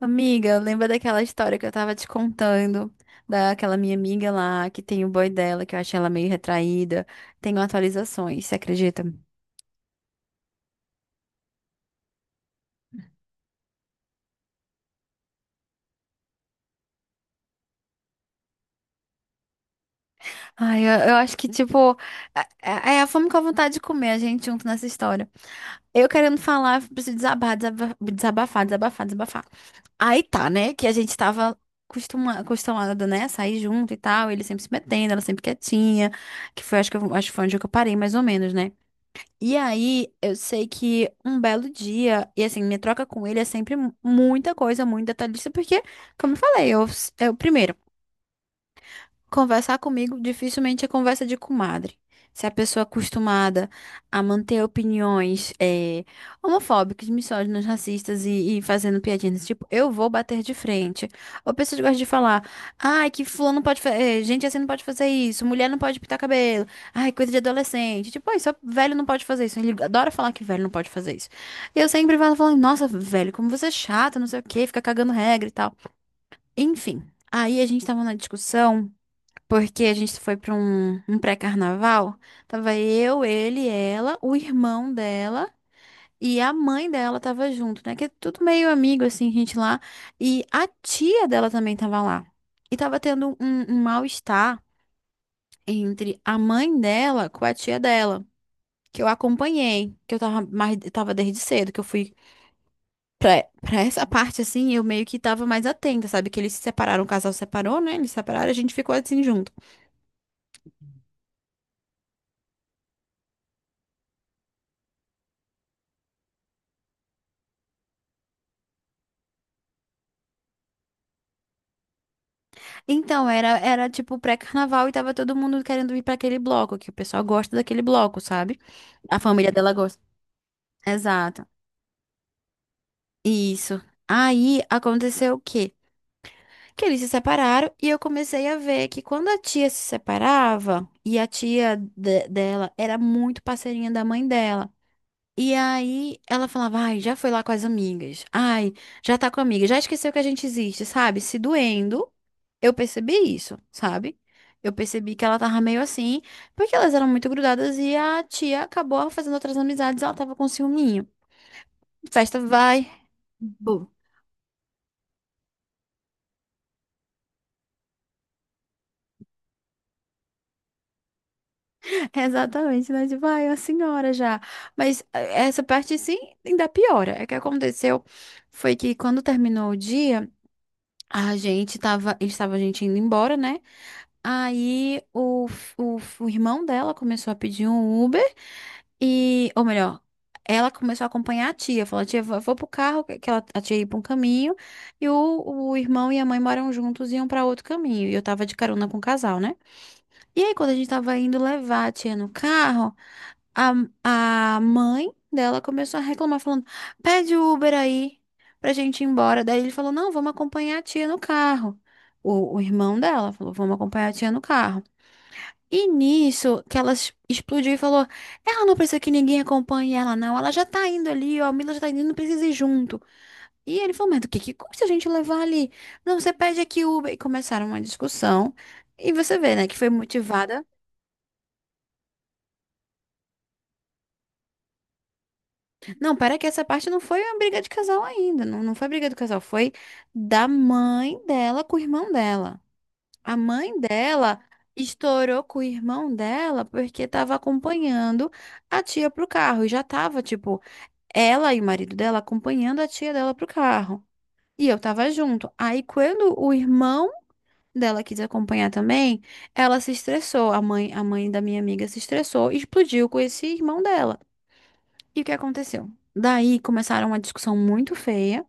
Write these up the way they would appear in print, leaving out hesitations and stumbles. Amiga, lembra daquela história que eu tava te contando, daquela minha amiga lá, que tem o boy dela, que eu achei ela meio retraída. Tenho atualizações, você acredita? Ai, eu acho que, tipo, é a fome com a vontade de comer a gente junto nessa história. Eu querendo falar, preciso desabafar, desabafar, desabafar. Aí tá, né, que a gente tava acostumada, né, a sair junto e tal, ele sempre se metendo, ela sempre quietinha, que foi, acho que, acho que foi onde que eu parei, mais ou menos, né? E aí, eu sei que um belo dia, e assim, minha troca com ele é sempre muita coisa, muito detalhista, porque, como eu falei, eu, eu primeiro. Conversar comigo dificilmente é conversa de comadre. Se a pessoa é acostumada a manter opiniões homofóbicas, misóginas, racistas e fazendo piadinhas desse tipo, eu vou bater de frente. Ou pessoas que gostam de falar, ai, que fulano pode fazer, gente assim não pode fazer isso, mulher não pode pintar cabelo, ai, coisa de adolescente. Tipo, ai, só velho não pode fazer isso. Ele adora falar que velho não pode fazer isso. E eu sempre falo, falando, nossa, velho, como você é chato, não sei o quê, fica cagando regra e tal. Enfim, aí a gente tava na discussão. Porque a gente foi pra um pré-carnaval. Tava eu, ele, ela, o irmão dela e a mãe dela tava junto, né? Que é tudo meio amigo, assim, gente lá. E a tia dela também tava lá. E tava tendo um mal-estar entre a mãe dela com a tia dela. Que eu acompanhei, que eu tava mais, tava desde cedo, que eu fui pra essa parte, assim, eu meio que tava mais atenta, sabe? Que eles se separaram, o casal separou, né? Eles se separaram, a gente ficou assim junto. Então, era tipo pré-carnaval e tava todo mundo querendo ir pra aquele bloco, que o pessoal gosta daquele bloco, sabe? A família dela gosta. Exato. Isso. Aí aconteceu o quê? Que eles se separaram e eu comecei a ver que quando a tia se separava, e a dela era muito parceirinha da mãe dela. E aí ela falava, ai, já foi lá com as amigas, ai, já tá com a amiga, já esqueceu que a gente existe, sabe? Se doendo, eu percebi isso, sabe? Eu percebi que ela tava meio assim, porque elas eram muito grudadas e a tia acabou fazendo outras amizades, ela tava com ciúminho. Festa vai. Bom, exatamente, né? Tipo, ai, a senhora já. Mas essa parte sim ainda piora. É que aconteceu foi que quando terminou o dia, a gente tava, eles estavam a gente indo embora, né? Aí o irmão dela começou a pedir um Uber e, ou melhor, ela começou a acompanhar a tia. Falou, tia, vou, vou pro carro, que ela, a tia ia pra um caminho, e o irmão e a mãe moram juntos e iam pra outro caminho. E eu tava de carona com o casal, né? E aí, quando a gente tava indo levar a tia no carro, a, a mãe dela começou a reclamar, falando, pede o Uber aí pra gente ir embora. Daí ele falou, não, vamos acompanhar a tia no carro. O irmão dela falou, vamos acompanhar a tia no carro. E nisso, que ela explodiu e falou: ela não precisa que ninguém acompanhe ela, não. Ela já tá indo ali, ó. A Mila já tá indo, não precisa ir junto. E ele falou: mas do que custa a gente levar ali? Não, você pede aqui Uber. E começaram uma discussão. E você vê, né, que foi motivada. Não, pera que essa parte não foi uma briga de casal ainda. Não, não foi briga do casal, foi da mãe dela com o irmão dela. A mãe dela estourou com o irmão dela porque tava acompanhando a tia pro carro. E já tava, tipo. Ela e o marido dela acompanhando a tia dela pro carro. E eu tava junto. Aí quando o irmão dela quis acompanhar também, ela se estressou. A mãe da minha amiga se estressou e explodiu com esse irmão dela. E o que aconteceu? Daí começaram uma discussão muito feia,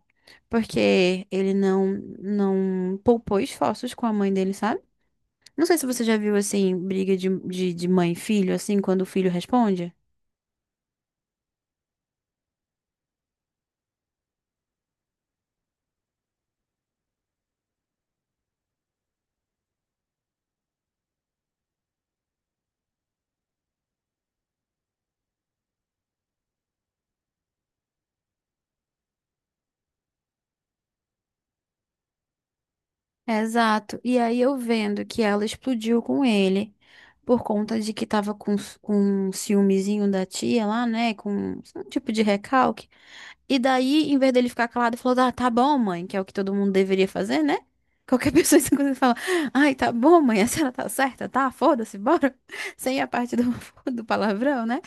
porque ele não não poupou esforços com a mãe dele, sabe? Não sei se você já viu assim briga de mãe e filho, assim, quando o filho responde. Exato. E aí eu vendo que ela explodiu com ele por conta de que tava com, com um ciúmezinho da tia lá, né? Com um tipo de recalque. E daí, em vez dele ficar calado, falou: ah, tá bom, mãe, que é o que todo mundo deveria fazer, né? Qualquer pessoa em segundo fala: ai, tá bom, mãe, a senhora tá certa, tá? Foda-se, bora. Sem a parte do, do palavrão, né?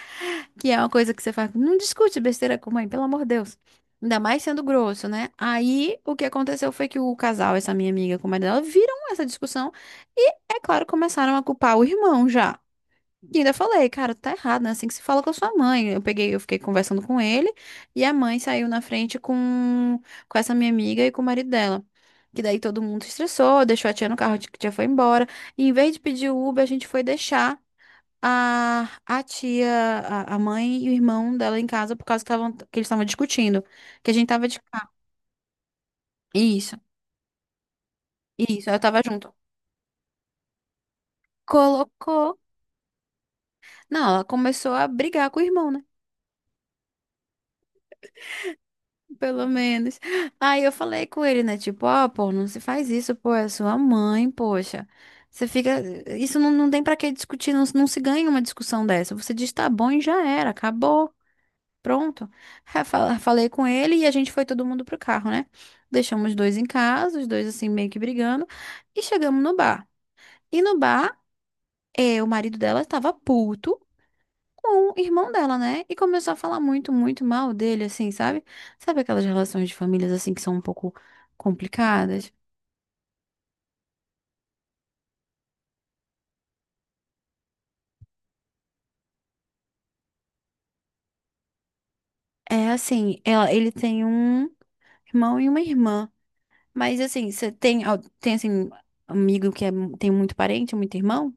Que é uma coisa que você faz. Não discute besteira com mãe, pelo amor de Deus. Ainda mais sendo grosso, né? Aí o que aconteceu foi que o casal, essa minha amiga com o marido dela, viram essa discussão e, é claro, começaram a culpar o irmão já. E ainda falei, cara, tá errado, né? Assim que se fala com a sua mãe. Eu peguei, eu fiquei conversando com ele e a mãe saiu na frente com essa minha amiga e com o marido dela. Que daí todo mundo se estressou, deixou a tia no carro, a tia foi embora. E em vez de pedir o Uber, a gente foi deixar a tia, a mãe e o irmão dela em casa por causa que, tavam, que eles estavam discutindo. Que a gente tava de carro. Isso, isso, eu tava junto. Colocou. Não, ela começou a brigar com o irmão, né? Pelo menos. Aí eu falei com ele, né? Tipo, ó, pô, não se faz isso, pô, é sua mãe, poxa. Você fica. Isso não tem pra que discutir, não, não se ganha uma discussão dessa. Você diz tá bom e já era, acabou. Pronto. Aí Falei com ele e a gente foi todo mundo pro carro, né? Deixamos os dois em casa, os dois assim meio que brigando, e chegamos no bar. E no bar, é o marido dela estava puto com o irmão dela, né? E começou a falar muito, muito mal dele, assim, sabe? Sabe aquelas relações de famílias assim que são um pouco complicadas? É assim, ela, ele tem um irmão e uma irmã. Mas assim, você tem, tem assim, amigo que é tem muito parente, muito irmão?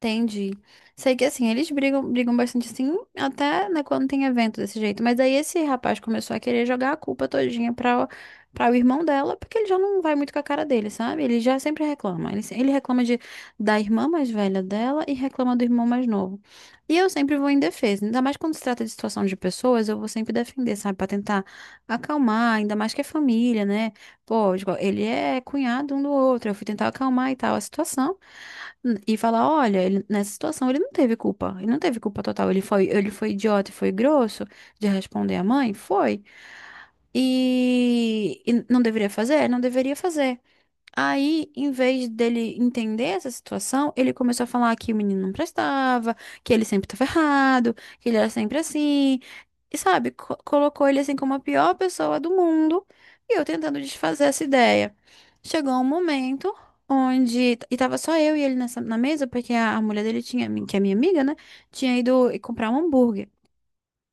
Entendi. Sei que assim, eles brigam, brigam bastante assim, até, né, quando tem evento desse jeito. Mas aí esse rapaz começou a querer jogar a culpa todinha pra, pra o irmão dela, porque ele já não vai muito com a cara dele, sabe? Ele já sempre reclama. Ele, se- ele reclama de, da irmã mais velha dela e reclama do irmão mais novo. E eu sempre vou em defesa, ainda mais quando se trata de situação de pessoas, eu vou sempre defender, sabe? Pra tentar acalmar, ainda mais que é família, né? Pô, tipo, ele é cunhado um do outro. Eu fui tentar acalmar e tal a situação e falar, olha, nessa situação ele não teve culpa. Ele não teve culpa total. Ele foi idiota e foi grosso de responder à mãe? Foi. E não deveria fazer? Não deveria fazer. Aí, em vez dele entender essa situação, ele começou a falar que o menino não prestava, que ele sempre estava errado, que ele era sempre assim. E sabe, colocou ele assim como a pior pessoa do mundo. E eu tentando desfazer essa ideia. Chegou um momento onde. E tava só eu e ele nessa, na mesa, porque a mulher dele tinha, que é minha amiga, né? Tinha ido comprar um hambúrguer.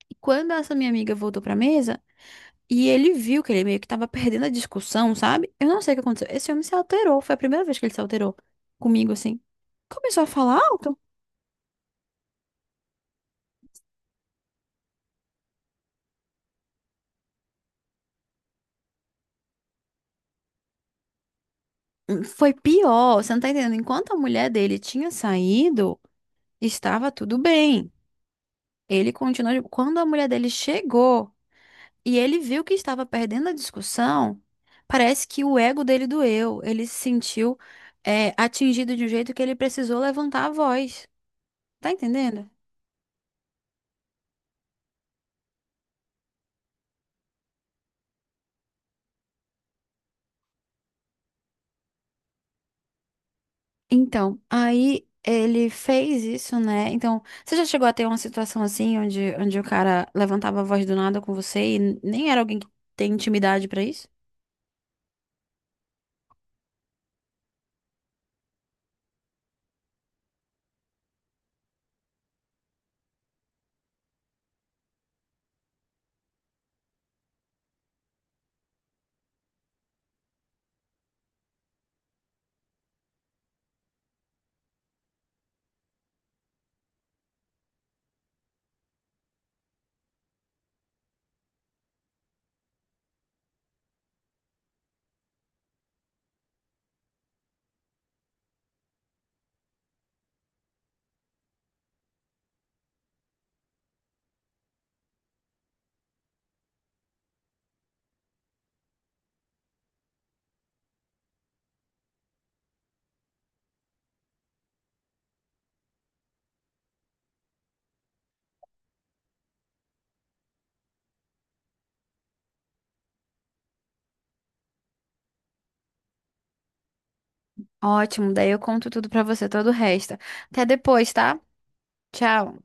E quando essa minha amiga voltou pra mesa, e ele viu que ele meio que tava perdendo a discussão, sabe? Eu não sei o que aconteceu. Esse homem se alterou. Foi a primeira vez que ele se alterou comigo, assim. Começou a falar alto. Foi pior. Você não tá entendendo. Enquanto a mulher dele tinha saído, estava tudo bem. Ele continuou. Quando a mulher dele chegou e ele viu que estava perdendo a discussão, parece que o ego dele doeu. Ele se sentiu, atingido de um jeito que ele precisou levantar a voz. Tá entendendo? Então, aí ele fez isso, né? Então, você já chegou a ter uma situação assim, onde, onde o cara levantava a voz do nada com você e nem era alguém que tem intimidade pra isso? Ótimo, daí eu conto tudo pra você, todo o resto. Até depois, tá? Tchau.